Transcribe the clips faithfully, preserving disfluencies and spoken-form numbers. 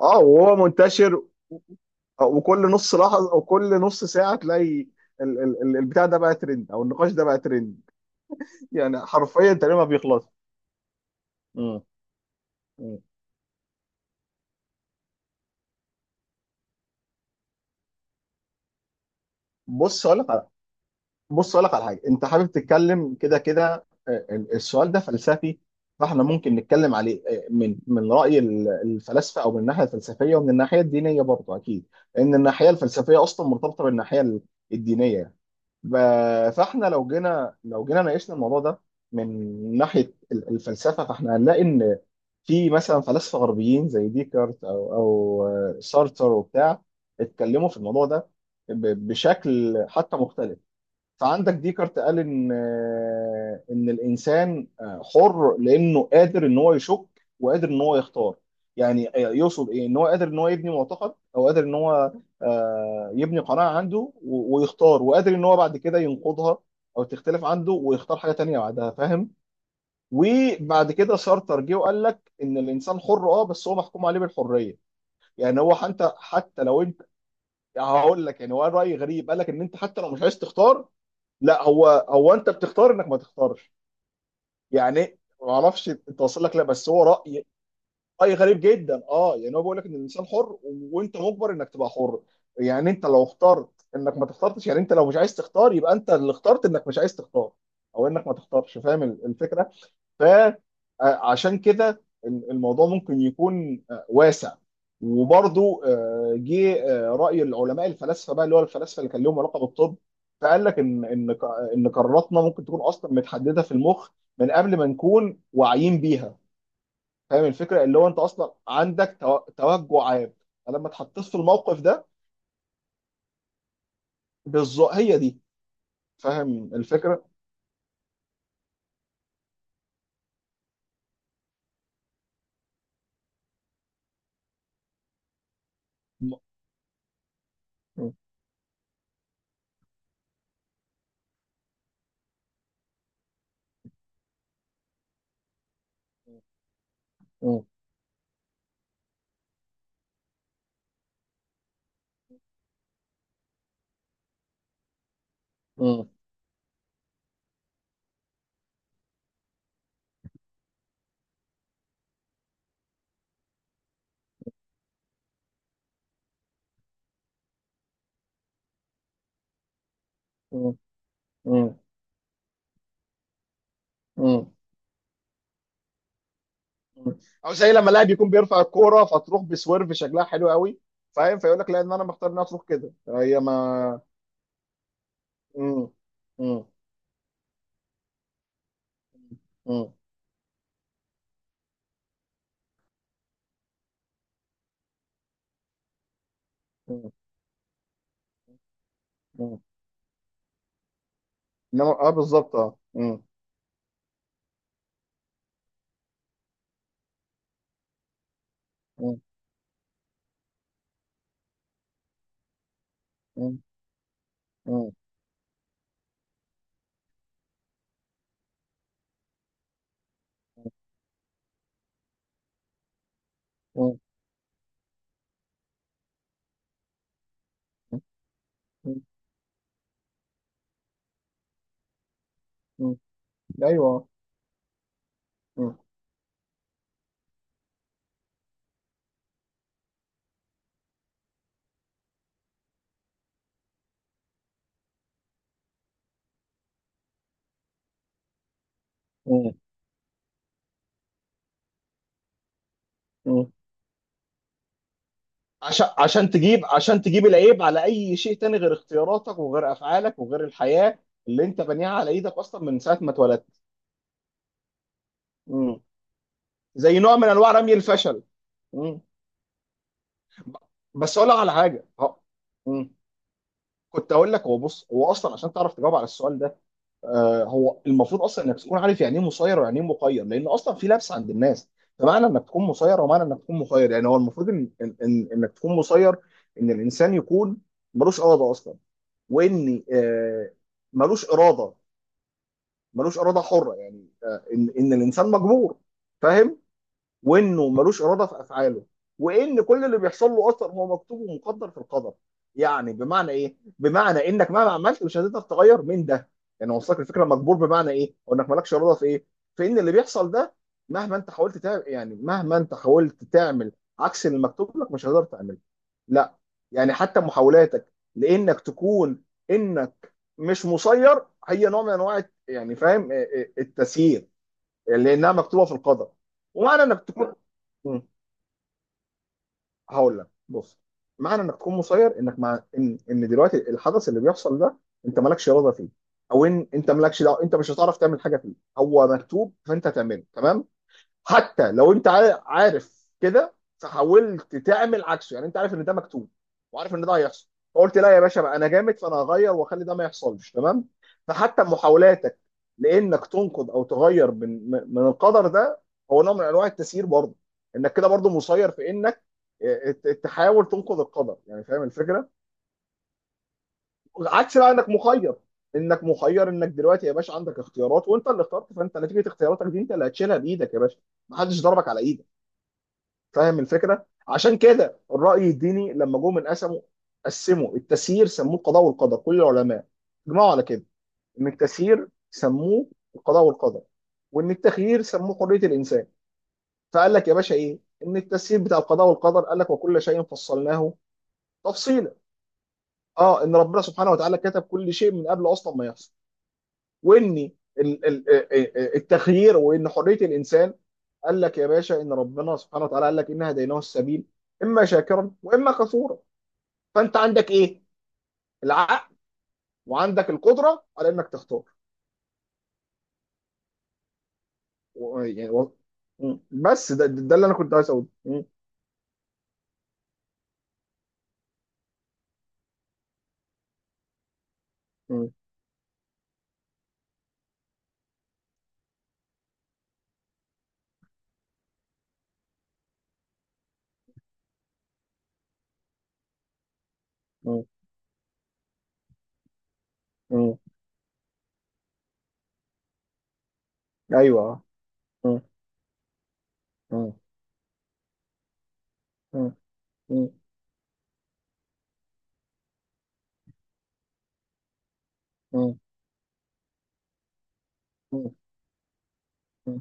اه، وهو منتشر. وكل نص لحظه او كل نص ساعه تلاقي ال- ال- ال- البتاع ده بقى ترند او النقاش ده بقى ترند. يعني حرفيا تقريبا ما بيخلص. مم. مم. بص اقول لك على بص اقول لك على حاجه. انت حابب تتكلم كده كده، آه، ال- السؤال ده فلسفي. فاحنا ممكن نتكلم عليه، آه، من من راي ال- الفلاسفه، او من الناحيه الفلسفيه ومن الناحيه الدينيه برضه اكيد. لان الناحيه الفلسفيه اصلا مرتبطه بالناحيه ال- الدينيه. ب- فاحنا لو جينا لو جينا ناقشنا الموضوع ده، من ناحيه ال- الفلسفه. فاحنا هنلاقي ان في مثلا فلاسفه غربيين زي ديكارت او او سارتر وبتاع، اتكلموا في الموضوع ده ب- بشكل حتى مختلف. فعندك ديكارت قال ان آه، ان الانسان، آه، حر لانه قادر ان هو يشك، وقادر ان هو يختار. يعني يقصد ايه؟ ان هو قادر ان هو يبني معتقد، او قادر ان هو آه، يبني قناعه عنده، و- ويختار، وقادر ان هو بعد كده ينقضها او تختلف عنده ويختار حاجه تانية بعدها، فاهم؟ وبعد كده سارتر جه وقال لك ان الانسان حر، اه بس هو محكوم عليه بالحريه. يعني هو حتى حتى لو انت... هقول لك، يعني هو راي غريب. قال لك ان انت حتى لو مش عايز تختار، لا، هو هو انت بتختار انك ما تختارش. يعني ما اعرفش انت واصل لك، لا بس هو راي راي غريب جدا. اه يعني هو بيقول لك ان الانسان حر، وانت مجبر انك تبقى حر. يعني انت لو اخترت انك ما تختارش، يعني انت لو مش عايز تختار، يبقى انت اللي اخترت انك مش عايز تختار، او انك ما تختارش، فاهم الفكره؟ فعشان كده الموضوع ممكن يكون، آه، واسع. وبرضو، آه، جه آه، رأي العلماء الفلاسفة بقى، اللي هو الفلاسفة اللي كان لهم علاقة بالطب، فقال لك ان ان ق- ان قراراتنا ممكن تكون اصلا متحددة في المخ من قبل ما نكون واعيين بيها، فاهم الفكرة؟ اللي هو انت اصلا عندك تو- توجع عام، فلما اتحطيت في الموقف ده... بالظبط هي دي، فاهم الفكرة؟ م-. م-. م-. م-. م-. م-. م-. او زي لما لاعب يكون بيرفع الكوره فتروح بسويرف شكلها حلو قوي، فاهم؟ فيقول لك لا، ان انا مختار انها تروح كده، هي ما... مم. مم. مم. مم. مم. انما اه، بالظبط، اه. مم. مم. مم. مم. مم. مم. مم. ايوه، آه. مم. مم. مم. عشان عشان تجيب عشان تجيب العيب على اي شيء تاني، غير اختياراتك وغير افعالك وغير الحياه اللي انت بانيها على ايدك اصلا من ساعه ما اتولدت. مم. زي نوع من انواع رمي الفشل. ب- بس اقول لك على حاجه ه- مم. كنت اقول لك، هو بص، هو اصلا عشان تعرف تجاوب على السؤال ده، آه هو المفروض اصلا انك تكون عارف يعني ايه مسير ويعني ايه مخير، لان اصلا في لبس عند الناس. فمعنى انك تكون مسير، ومعنى انك تكون مخير، يعني هو المفروض إن إن إن انك تكون مسير، ان الانسان يكون ملوش اراده اصلا، وان آه ملوش اراده ملوش اراده حره، يعني آه ان ان الانسان مجبور، فاهم؟ وانه ملوش اراده في افعاله، وان كل اللي بيحصل له اصلا هو مكتوب ومقدر في القدر. يعني بمعنى ايه؟ بمعنى انك مهما عملت مش هتقدر تغير من ده. يعني وصلك الفكره؟ مجبور بمعنى ايه؟ او انك مالكش اراده في ايه؟ في ان اللي بيحصل ده، مهما انت حاولت تعمل يعني مهما انت حاولت تعمل عكس اللي مكتوب لك، مش هتقدر تعمله، لا. يعني حتى محاولاتك، لانك تكون، انك مش مسير، هي نوع من انواع، يعني فاهم، التسيير، لانها مكتوبه في القدر. ومعنى انك تكون. مم. هقول لك بص. معنى انك تكون مسير، انك مع ان ان دلوقتي الحدث اللي بيحصل ده انت مالكش اراده فيه، او ان انت مالكش دعوه، انت مش هتعرف تعمل حاجه فيه، هو مكتوب فانت هتعمله، تمام. حتى لو انت عا- عارف كده فحاولت تعمل عكسه، يعني انت عارف ان ده مكتوب، وعارف ان ده هيحصل، فقلت لا يا باشا بقى، انا جامد، فانا هغير واخلي ده ما يحصلش، تمام؟ فحتى محاولاتك لانك تنقض او تغير من من من القدر ده، هو نوع من انواع التسيير برضه. انك كده برضه مسير في انك اه، ت- تحاول تنقض القدر، يعني فاهم الفكره؟ عكس بقى انك مخير. انك مخير، انك دلوقتي يا باشا عندك اختيارات، وانت اللي اخترت، فانت نتيجه اختياراتك دي انت اللي هتشيلها بايدك يا باشا، محدش ضربك على ايدك، فاهم الفكره؟ عشان كده الراي الديني لما جم من قسموا قسموا التسيير سموه القضاء والقدر. كل العلماء اجمعوا على كده، ان التسيير سموه القضاء والقدر، وان التخيير سموه حريه الانسان. فقال لك يا باشا ايه؟ ان التسيير بتاع القضاء والقدر قال لك «وكل شيء فصلناه تفصيلا»، اه ان ربنا سبحانه وتعالى كتب كل شيء من قبل اصلا ما يحصل. وان ال- ال- ال- التخيير وان حريه الانسان، قال لك يا باشا ان ربنا سبحانه وتعالى قال لك «ان هديناه السبيل اما شاكرا واما كفورا». فانت عندك ايه؟ العقل، وعندك القدره على انك تختار. و- يعني و- م. بس ده, ده اللي انا كنت عايز اقوله. م. م. م. م. ايوه. م. م. م. م. م. م. م.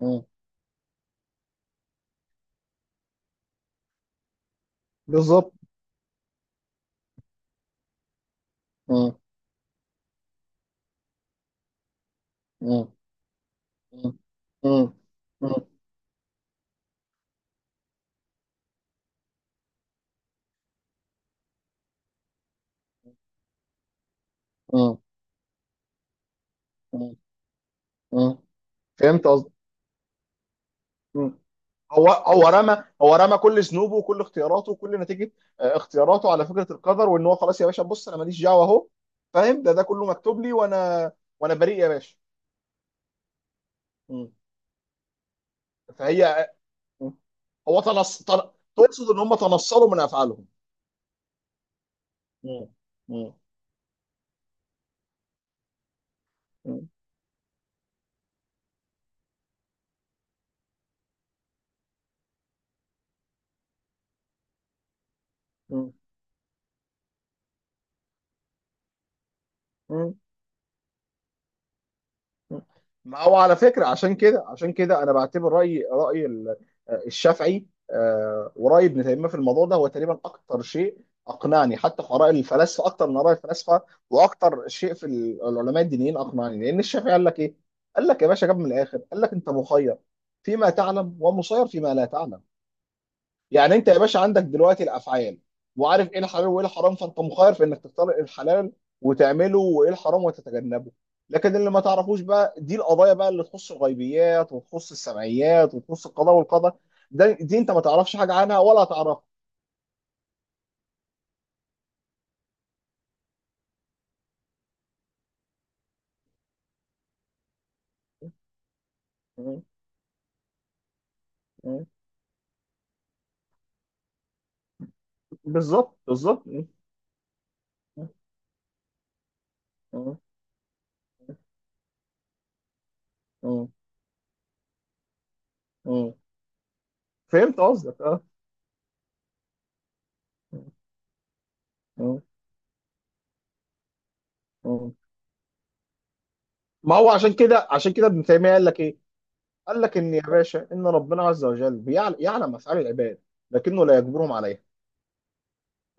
م. بالظبط. م. م. م. م. م. م. م. فهمت قصدي. هو هو رمى هو رمى كل ذنوبه وكل اختياراته وكل نتيجه آه، اختياراته على فكره القدر، وان هو خلاص يا باشا بص، انا ماليش دعوه اهو، فاهم؟ ده ده كله مكتوب لي، وانا وانا بريء يا باشا. مم. فهي. مم. هو تنص تن... تقصد ان هم تنصلوا من افعالهم. مم. مم. مم. مم. ما هو على فكرة، عشان كده عشان كده أنا بعتبر رأي رأي ال- الشافعي، آه، ورأي ابن تيمية في الموضوع ده، هو تقريبا أكتر شيء أقنعني، حتى في آراء الفلاسفة أكتر من آراء الفلاسفة. وأكتر شيء في ال- العلماء الدينيين أقنعني، لأن الشافعي قال لك إيه؟ قال لك يا باشا، جاب من الآخر، قال لك «أنت مخير فيما تعلم ومسير فيما لا تعلم». يعني انت يا باشا عندك دلوقتي الافعال، وعارف ايه الحلال وايه الحرام، فانت مخير في انك تختار إيه الحلال وتعمله، وايه الحرام وتتجنبه. لكن اللي ما تعرفوش بقى، دي القضايا بقى اللي تخص الغيبيات، وتخص السمعيات، وتخص القضاء والقدر، ده دي انت ما تعرفش حاجه عنها ولا تعرفها. م-. م-. بالظبط، بالظبط. م-. م-. م-. م-. فهمت قصدك، اه. م-. م-. م. ما هو عشان كده عشان كده ابن تيميه قال لك ايه؟ قال لك ان يا باشا، ان ربنا عز وجل بيعل- يعلم افعال العباد لكنه لا يجبرهم عليها،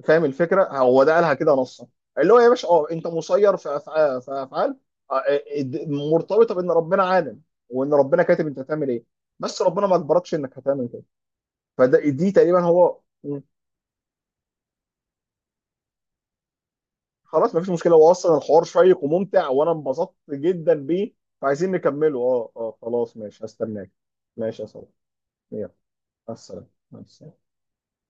فاهم الفكره؟ هو ده قالها كده نصا. اللي هو يا باشا، اه انت مسير في افعال في افعال آه، آه، مرتبطه بان ربنا عالم، وان ربنا كاتب انت هتعمل ايه، بس ربنا ما اجبركش انك هتعمل كده. فده دي تقريبا هو. مم. خلاص مفيش مشكله، هو اصلا الحوار شيق وممتع، وانا انبسطت جدا بيه. فعايزين نكمله، اه اه. خلاص ماشي، هستناك. ماشي يا صاحبي. يلا، مع السلامه. مع السلامة.